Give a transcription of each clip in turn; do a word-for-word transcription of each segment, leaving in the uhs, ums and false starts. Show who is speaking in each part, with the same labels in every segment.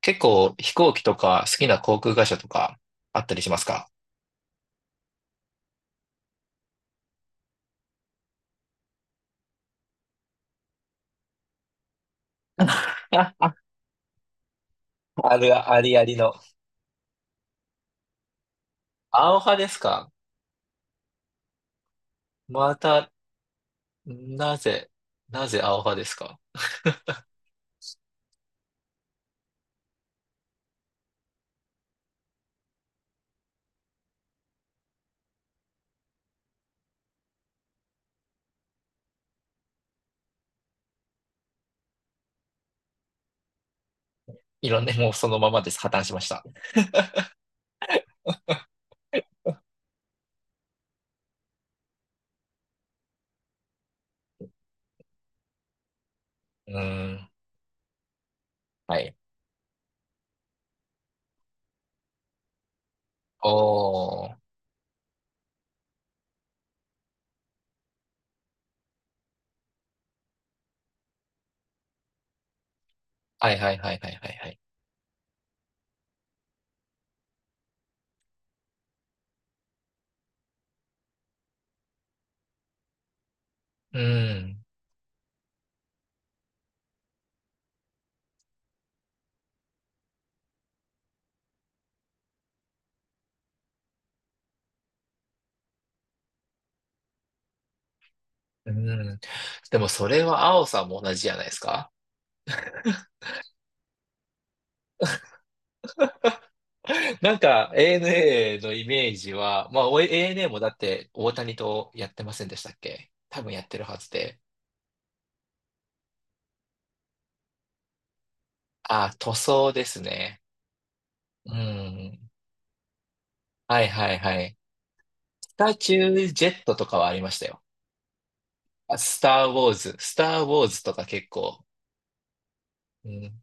Speaker 1: 結構飛行機とか好きな航空会社とかあったりしますか？あ、ああるありありの。アオハですか？また、なぜ、なぜアオハですか？いろんな、もうそのままです。破綻しました。うーん。はい。おー。はいはいはいはいはいはい。うーん。うーん。でもそれは青さんも同じじゃないですか？なんか エーエヌエー のイメージは、まあお エーエヌエー もだって大谷とやってませんでしたっけ？多分やってるはずで。あー、塗装ですね。うん。はいはいはい。スタチュージェットとかはありましたよ。あ、スター・ウォーズ、スター・ウォーズとか結構、うん、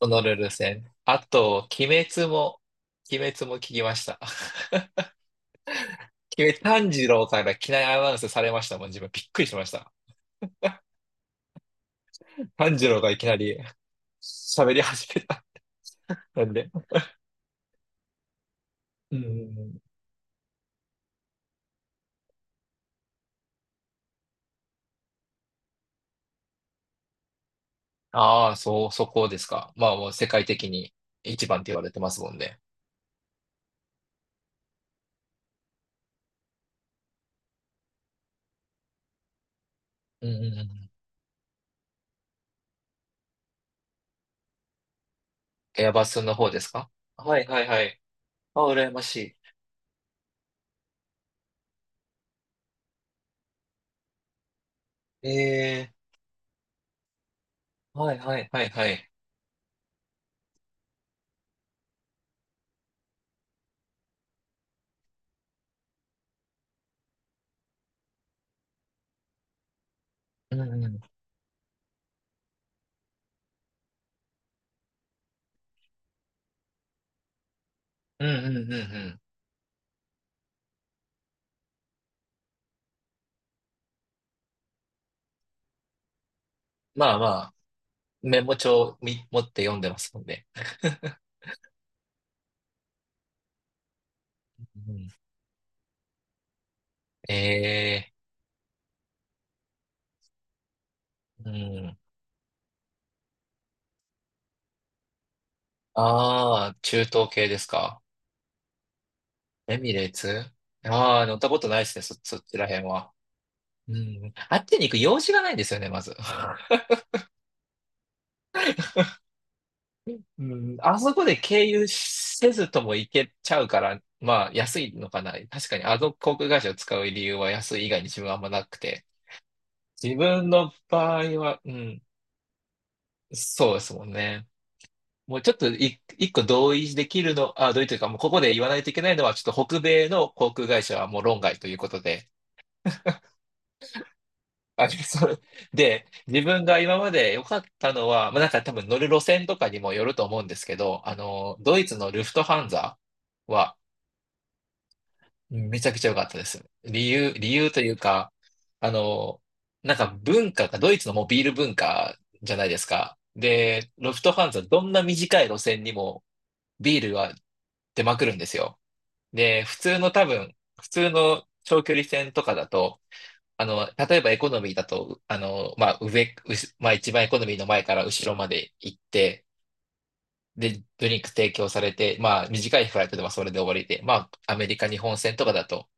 Speaker 1: ホノルル戦。あと、鬼滅も、鬼滅も聞きました。鬼滅、炭治郎から機内アナウンスされましたもん、自分びっくりしました。炭治郎がいきなり 喋り始めた。なんで。うん。ああ、そう、そこですか。まあもう世界的に一番って言われてますもんね。うんうんうん。エアバスの方ですか？はいはいはい。あ、羨ましい。ええ。はいはいはいはい。うんうん。うんうんうんうん。まあまあ、メモ帳み持って読んでますもんね。ええ。うん。ああ、中東系ですか。エミレーツ。ああー、乗ったことないですね、そ、そっちら辺は。うん。あっちに行く用事がないんですよね、まず。うん、あそこで経由せずとも行けちゃうから、まあ安いのかな。確かにあの航空会社を使う理由は安い以外に自分はあんまなくて。自分の場合は、うん、そうですもんね。もうちょっとい一個同意できるの、あ、同意というか、もうここで言わないといけないのは、ちょっと北米の航空会社はもう論外ということで。あ、そう。で、自分が今まで良かったのは、まあなんか多分乗る路線とかにもよると思うんですけど、あの、ドイツのルフトハンザはめちゃくちゃ良かったです。理由、理由というか、あの、なんか文化が、ドイツのもうビール文化じゃないですか。で、ロフトファンズはどんな短い路線にもビールは出まくるんですよ。で、普通の多分、普通の長距離線とかだと、あの、例えばエコノミーだと、あの、まあ、上、うしまあ、一番エコノミーの前から後ろまで行って、で、ドリンク提供されて、まあ、短いフライトではそれで終わりで、まあ、アメリカ、日本線とかだと、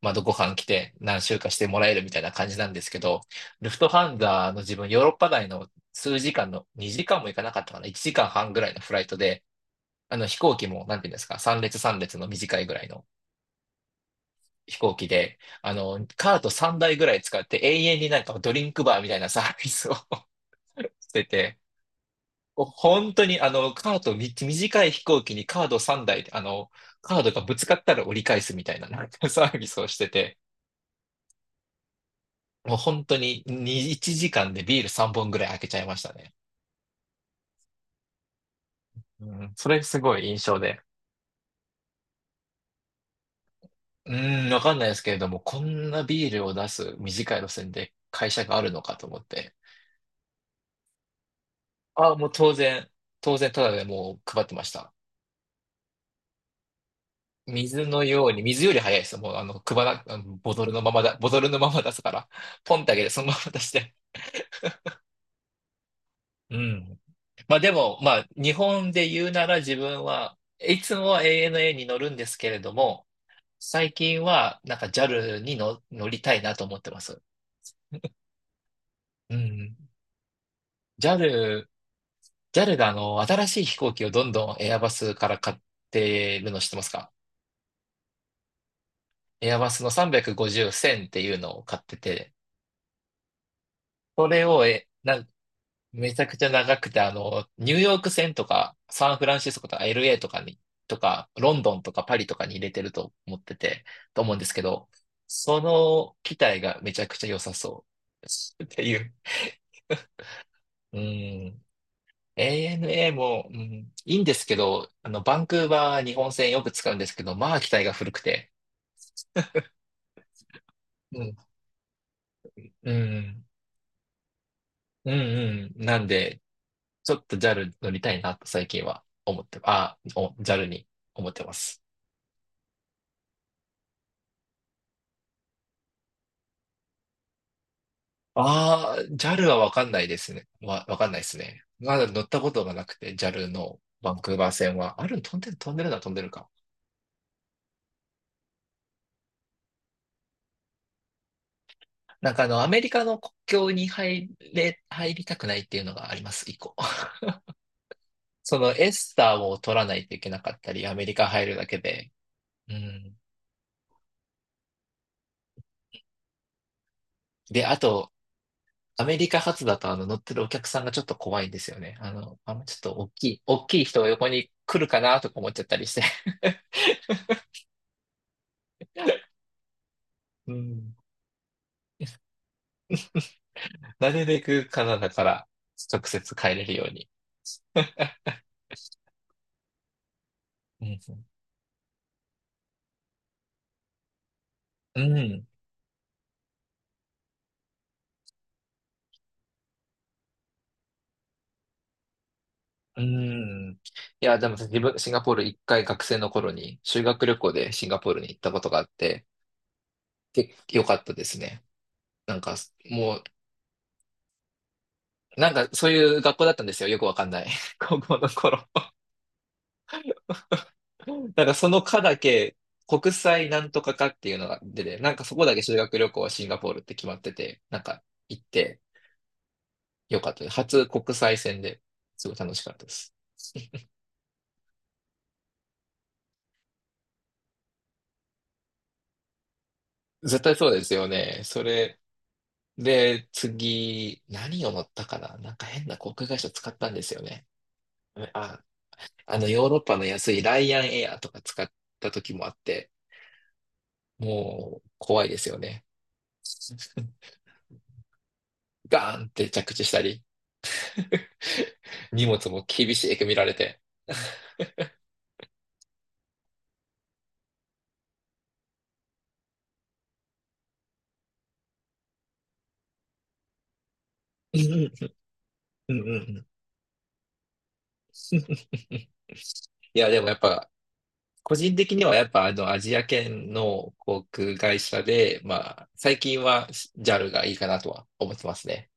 Speaker 1: まあ、どこか来て何週かしてもらえるみたいな感じなんですけど、ルフトハンザの自分、ヨーロッパ内の数時間の、にじかんも行かなかったかな、いちじかんはんぐらいのフライトで、あの飛行機も、なんていうんですか、さん列さん列の短いぐらいの飛行機で、あの、カートさんだいぐらい使って永遠になんかドリンクバーみたいなサービスを してて、本当にあの、カートみ、短い飛行機にカードさんだい、あの、カードがぶつかったら折り返すみたいな、なんかサービスをしてて、もう本当にに、いちじかんでビールさんぼんぐらい開けちゃいましたね。うん、それすごい印象で。うん、わかんないですけれども、こんなビールを出す短い路線で会社があるのかと思って。あ、もう当然、当然ただでもう配ってました。水のように、水より早いです。もうあの、配ら、あのボトルのままだ、ボトルのまま出すから、ポンってあげてそのまま出して。うん。まあでも、まあ、日本で言うなら自分はいつもは エーエヌエー に乗るんですけれども、最近は、なんか ジャル にの乗りたいなと思ってます。うん。ジャル、ジャルがあの、新しい飛行機をどんどんエアバスから買ってるの知ってますか？エアバスのさんごーまる線っていうのを買ってて、それをえ、なん、めちゃくちゃ長くて、あの、ニューヨーク線とか、サンフランシスコとか エルエー とかに、とか、ロンドンとかパリとかに入れてると思ってて、と思うんですけど、その機体がめちゃくちゃ良さそう っていう。うん。エーエヌエー も、うん、いいんですけど、あの、バンクーバー日本線よく使うんですけど、まあ、機体が古くて。うん、うん、うん、うん。なんで、ちょっと ジャル 乗りたいなと最近は思って、あ、お、ジャル に思ってます。ああ、ジャル はわかんないですね。わ、わかんないですね。まだ乗ったことがなくて、ジャル のバンクーバー線は。ある、飛んでる、飛んでるな、飛んでるか。なんかあの、アメリカの国境に入れ、入りたくないっていうのがあります、一個。そのエスターを取らないといけなかったり、アメリカ入るだけで。うん。で、あと、アメリカ発だとあの乗ってるお客さんがちょっと怖いんですよね。あの、あのちょっと大きい、大きい人が横に来るかなとか思っちゃったりして。うん。なるべくカナダから直接帰れるように。うん。うん。うん。いや、でも自分、シンガポール一回学生の頃に修学旅行でシンガポールに行ったことがあって、結構良かったですね。なんか、もなんかそういう学校だったんですよ。よくわかんない。高校の頃。なんかその科だけ、国際なんとか科っていうのが出て、なんかそこだけ修学旅行はシンガポールって決まってて、なんか行ってよかったです。初国際線ですごい楽しかったです。絶対そうですよね。それで、次、何を乗ったかななんか変な航空会社使ったんですよね。あ、あのヨーロッパの安いライアンエアとか使った時もあって、もう怖いですよね。ガーンって着地したり、荷物も厳しく見られて。うんうんうん。 いや、でもやっぱ、個人的にはやっぱあのアジア圏の航空会社で、まあ、最近は ジャル がいいかなとは思ってますね。